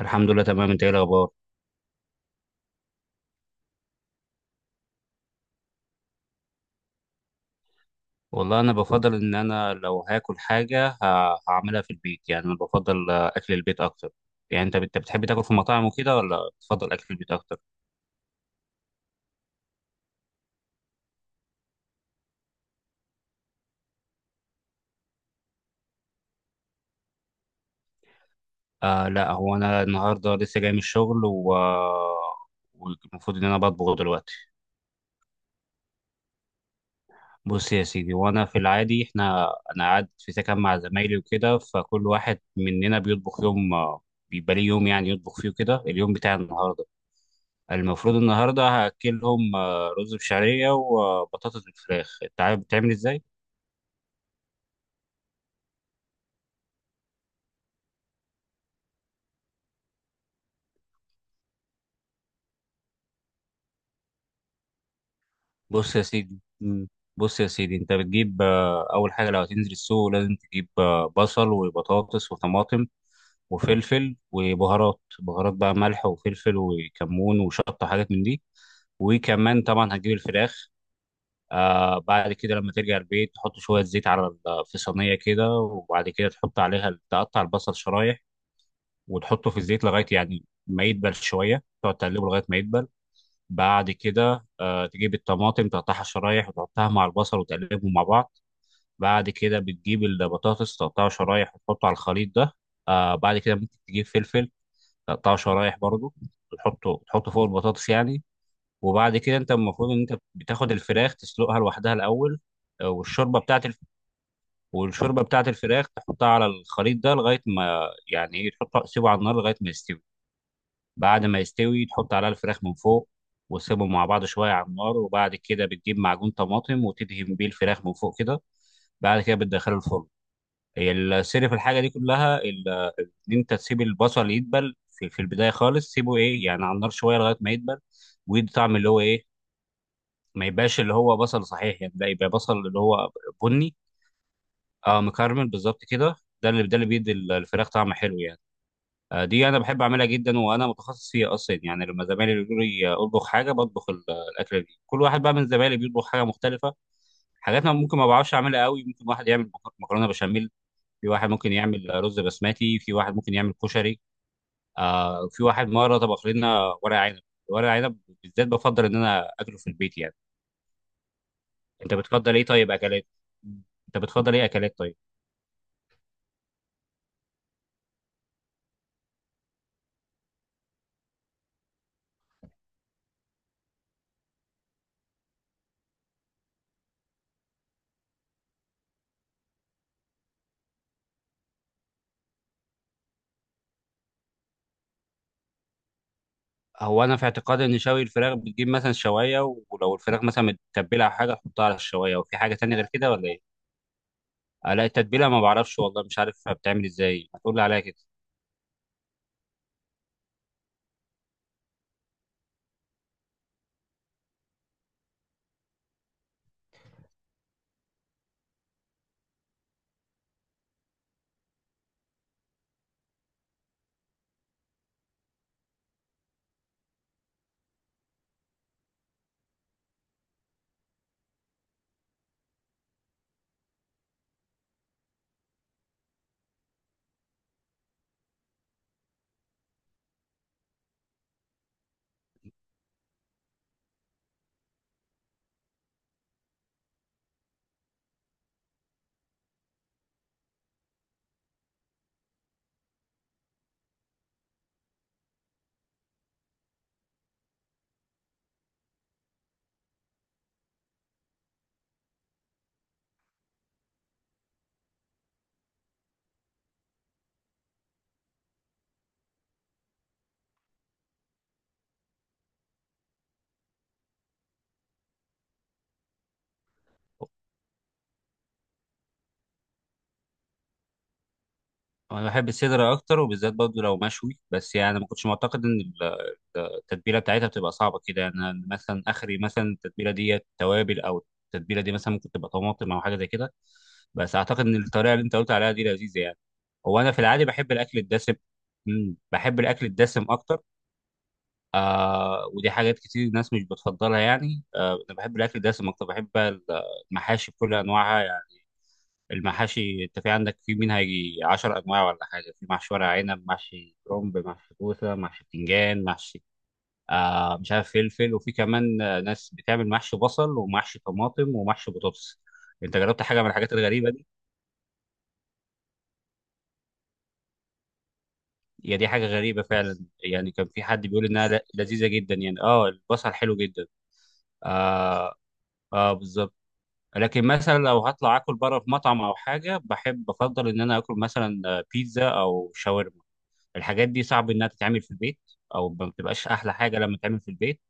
الحمد لله، تمام. انت ايه الاخبار؟ والله انا بفضل ان انا لو هاكل حاجه هعملها في البيت، يعني انا بفضل اكل البيت اكتر. يعني انت بتحب تاكل في مطاعم وكده ولا بتفضل اكل البيت اكتر؟ لا، هو انا النهارده لسه جاي من الشغل. والمفروض ان انا بطبخ دلوقتي. بص يا سيدي، وانا في العادي احنا، انا قاعد في سكن مع زمايلي وكده، فكل واحد مننا بيطبخ يوم، بيبقى ليه يوم يعني يطبخ فيه كده. اليوم بتاع النهارده المفروض النهارده هاكلهم رز بشعريه وبطاطس بالفراخ. انت عارف بتعمل ازاي؟ بص يا سيدي. مم. بص يا سيدي، انت بتجيب اول حاجه، لو هتنزل السوق لازم تجيب بصل وبطاطس وطماطم وفلفل وبهارات. بهارات بقى ملح وفلفل وكمون وشطه، حاجات من دي. وكمان طبعا هتجيب الفراخ. بعد كده لما ترجع البيت تحط شويه زيت على في صينيه كده، وبعد كده تحط عليها، تقطع البصل شرايح وتحطه في الزيت لغايه، يعني ما يدبل شويه، تقعد تقلبه لغايه ما يدبل. بعد كده تجيب الطماطم، تقطعها شرايح وتحطها مع البصل وتقلبهم مع بعض. بعد كده بتجيب البطاطس، تقطعها شرايح وتحطه على الخليط ده. بعد كده ممكن تجيب فلفل، تقطعه شرايح برضه، وتحطه فوق البطاطس يعني. وبعد كده انت المفروض ان انت بتاخد الفراخ تسلقها لوحدها الاول. والشوربه بتاعت والشوربه بتاعت الفراخ تحطها على الخليط ده لغايه ما، يعني ايه، تحطها، تسيبه على النار لغايه ما يستوي. بعد ما يستوي تحط عليها الفراخ من فوق، وتسيبهم مع بعض شوية على النار، وبعد كده بتجيب معجون طماطم وتدهن بيه الفراخ من فوق كده. بعد كده بتدخله الفرن. هي السر في الحاجة دي كلها إن أنت تسيب البصل يدبل في البداية خالص، سيبه إيه يعني على النار شوية لغاية ما يدبل، ويدي طعم اللي هو إيه، ما يبقاش اللي هو بصل صحيح يعني. ده يبقى بصل اللي هو بني. اه، مكرمل بالظبط كده. ده اللي بيدي الفراخ طعم حلو يعني. دي انا بحب اعملها جدا، وانا متخصص فيها اصلا يعني. لما زمايلي بيقولوا لي اطبخ حاجه بطبخ الاكله دي. كل واحد بقى من زمايلي بيطبخ حاجه مختلفه، حاجات انا ممكن ما بعرفش اعملها قوي. ممكن واحد يعمل مكرونه بشاميل، في واحد ممكن يعمل رز بسمتي، في واحد ممكن يعمل كشري. في واحد مره طبخ لنا ورق عنب. ورق عنب بالذات بفضل ان انا اكله في البيت يعني. انت بتفضل ايه طيب اكلات؟ انت بتفضل ايه اكلات طيب؟ هو انا في اعتقادي ان شوي الفراخ بتجيب مثلا شوايه، ولو الفراخ مثلا متبله او حاجه تحطها على الشوايه، وفي حاجه تانية غير كده ولا ايه؟ لا، التتبيله ما بعرفش، والله مش عارف بتعمل ازاي، ما تقول لي عليها كده. انا بحب الصدر اكتر، وبالذات برضه لو مشوي بس يعني. ما كنتش معتقد ان التتبيله بتاعتها بتبقى صعبه كده يعني. أنا مثلا اخري مثلا التتبيله ديت توابل، او التتبيله دي مثلا ممكن تبقى طماطم او حاجه زي كده. بس اعتقد ان الطريقه اللي انت قلت عليها دي لذيذه يعني. هو انا في العادي بحب الاكل الدسم. بحب الاكل الدسم اكتر. ودي حاجات كتير الناس مش بتفضلها يعني. انا بحب الاكل دسم اكتر. بحب المحاشي بكل انواعها يعني. المحاشي انت في عندك في منها يجي 10 انواع ولا حاجه. في محشي ورق عنب، محشي كرنب، محشي كوسه، محشي بتنجان، محشي مش عارف، فلفل، وفي كمان ناس بتعمل محشي بصل ومحشي طماطم ومحشي بطاطس. انت جربت حاجه من الحاجات الغريبه دي؟ هي دي حاجه غريبه فعلا يعني، كان في حد بيقول انها لذيذه جدا يعني. اه البصل حلو جدا. اه، اه، بالظبط. لكن مثلا لو هطلع اكل بره في مطعم او حاجه، بحب بفضل ان انا اكل مثلا بيتزا او شاورما. الحاجات دي صعب انها تتعمل في البيت، او ما بتبقاش احلى حاجه لما تتعمل في البيت.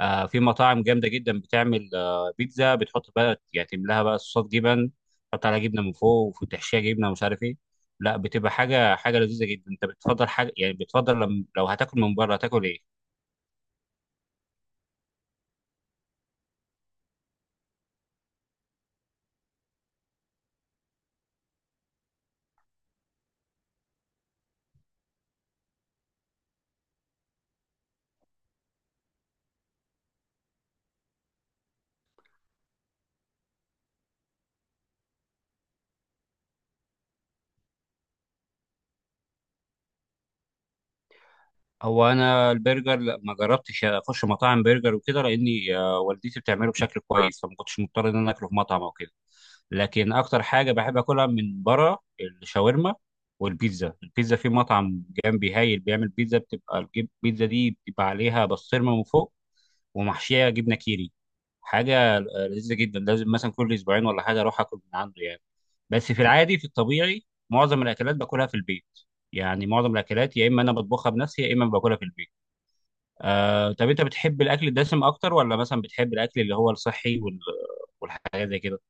في مطاعم جامده جدا بتعمل بيتزا، بتحط بقى يعني، تملاها بقى صوصات جبن، تحط عليها جبنه من فوق وتحشيها جبنه، ومش عارف ايه. لا، بتبقى حاجه، حاجه لذيذه جدا. انت بتفضل حاجه يعني، بتفضل لم لو هتاكل من بره هتاكل ايه؟ هو انا البرجر لا، ما جربتش اخش مطاعم برجر وكده، لاني والدتي بتعمله بشكل كويس، فما كنتش مضطر ان انا اكله في مطعم او كده. لكن اكتر حاجه بحب اكلها من بره الشاورما والبيتزا. البيتزا، في مطعم جنبي هايل بيعمل بيتزا، بتبقى البيتزا دي بتبقى عليها بسطرمه من فوق، ومحشيه جبنه كيري. حاجه لذيذه جدا. لازم مثلا كل اسبوعين ولا حاجه اروح اكل من عنده يعني. بس في العادي، في الطبيعي، معظم الاكلات باكلها في البيت يعني. معظم الاكلات يا اما انا بطبخها بنفسي، يا اما باكلها في البيت. طب انت بتحب الاكل الدسم اكتر ولا مثلا بتحب الاكل اللي هو الصحي والحاجات زي كده؟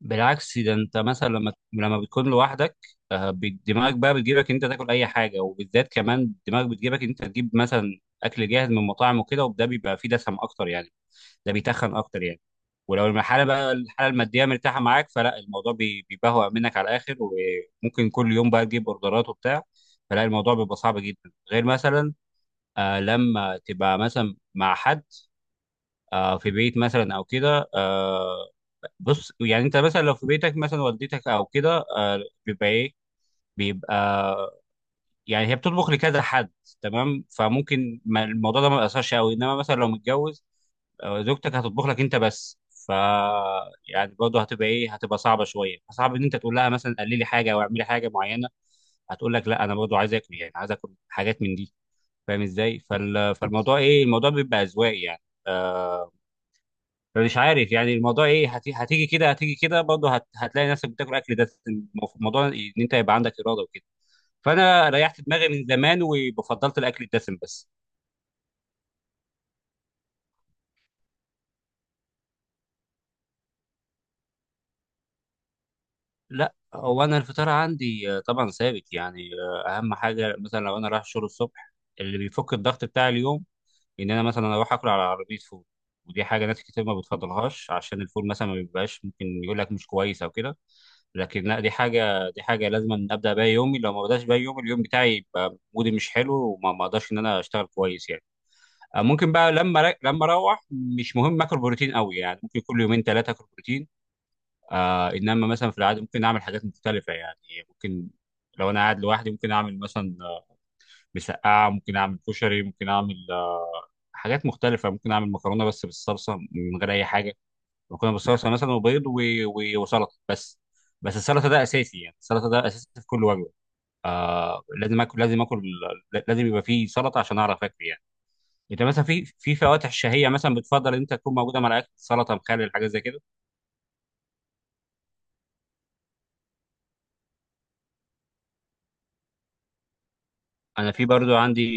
بالعكس، ده انت مثلا لما بتكون لوحدك، دماغك بقى بتجيبك انت تاكل اي حاجه، وبالذات كمان دماغك بتجيبك انت تجيب مثلا اكل جاهز من مطاعم وكده، وده بيبقى فيه دسم اكتر يعني، ده بيتخن اكتر يعني. ولو الحاله بقى، الحاله الماديه مرتاحه معاك، فلا الموضوع بيبهوأ منك على الاخر، وممكن كل يوم بقى تجيب اوردرات وبتاع. فلا الموضوع بيبقى صعب جدا، غير مثلا لما تبقى مثلا مع حد، في بيت مثلا او كده. بص يعني انت مثلا لو في بيتك مثلا والدتك او كده، بيبقى ايه، بيبقى يعني هي بتطبخ لكذا حد. تمام، فممكن الموضوع ده ما بيأثرش قوي. انما مثلا لو متجوز، زوجتك هتطبخ لك انت بس. ف يعني برضه هتبقى ايه، هتبقى صعبه شويه، صعب ان انت تقول لها مثلا قللي حاجه او اعملي حاجه معينه. هتقول لك لا، انا برضه عايز اكل يعني، عايز اكل حاجات من دي. فاهم ازاي فالموضوع ايه، الموضوع بيبقى اذواق يعني. آه مش عارف يعني الموضوع ايه، هتيجي كده، هتيجي كده برضه، هتلاقي نفسك بتاكل اكل ده. الموضوع ان انت يبقى عندك اراده وكده. فانا ريحت دماغي من زمان، وفضلت الاكل الدسم بس. لا، هو انا الفطار عندي طبعا ثابت يعني. اهم حاجه مثلا لو انا رايح الشغل الصبح اللي بيفك الضغط بتاع اليوم، ان انا مثلا اروح اكل على عربيه فول. ودي حاجه ناس كتير ما بتفضلهاش، عشان الفول مثلا ما بيبقاش، ممكن يقول لك مش كويس او كده. لكن لا، دي حاجه، دي حاجه لازم أن ابدا بيها يومي. لو ما بداش بيها يومي اليوم بتاعي يبقى مودي مش حلو، وما ما اقدرش ان انا اشتغل كويس يعني. ممكن بقى لما لما اروح، مش مهم اكل بروتين قوي يعني، ممكن كل يومين ثلاثه اكل بروتين. انما مثلا في العاده ممكن اعمل حاجات مختلفه يعني. ممكن لو انا قاعد لوحدي ممكن اعمل مثلا مسقعه، ممكن اعمل كشري، ممكن اعمل حاجات مختلفه. ممكن اعمل مكرونه بس بالصلصه من غير اي حاجه. مكرونه بالصلصه مثلا، وبيض، وسلطه بس. بس السلطه ده اساسي يعني، السلطه ده اساسي في كل وجبه. لازم اكل، لازم اكل، لازم يبقى فيه سلطه عشان اعرف اكل يعني. انت مثلا في فواتح شهيه مثلا بتفضل ان انت تكون موجوده مع الاكل، سلطه، مخلل، حاجات زي كده؟ انا في برضو عندي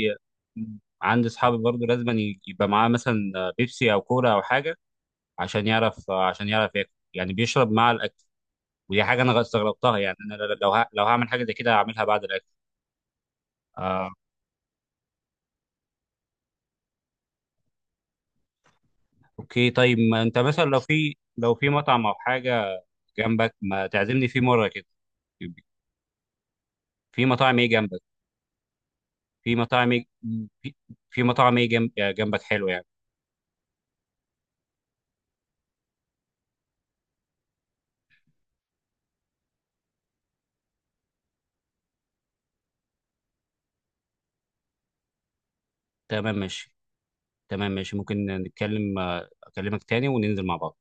عندي اصحابي برضو لازم يبقى معاه مثلا بيبسي او كولا او حاجه، عشان يعرف ياكل يعني، بيشرب مع الاكل. ودي حاجه انا استغربتها يعني. انا لو لو هعمل حاجه زي كده هعملها بعد الاكل. آه اوكي، طيب ما انت مثلا لو في مطعم او حاجه جنبك، ما تعزمني فيه مره كده. في مطاعم ايه جنبك؟ في مطاعم في في مطاعم ايه جنبك حلو يعني؟ تمام، ماشي. تمام ماشي، ممكن نتكلم، اكلمك تاني وننزل مع بعض.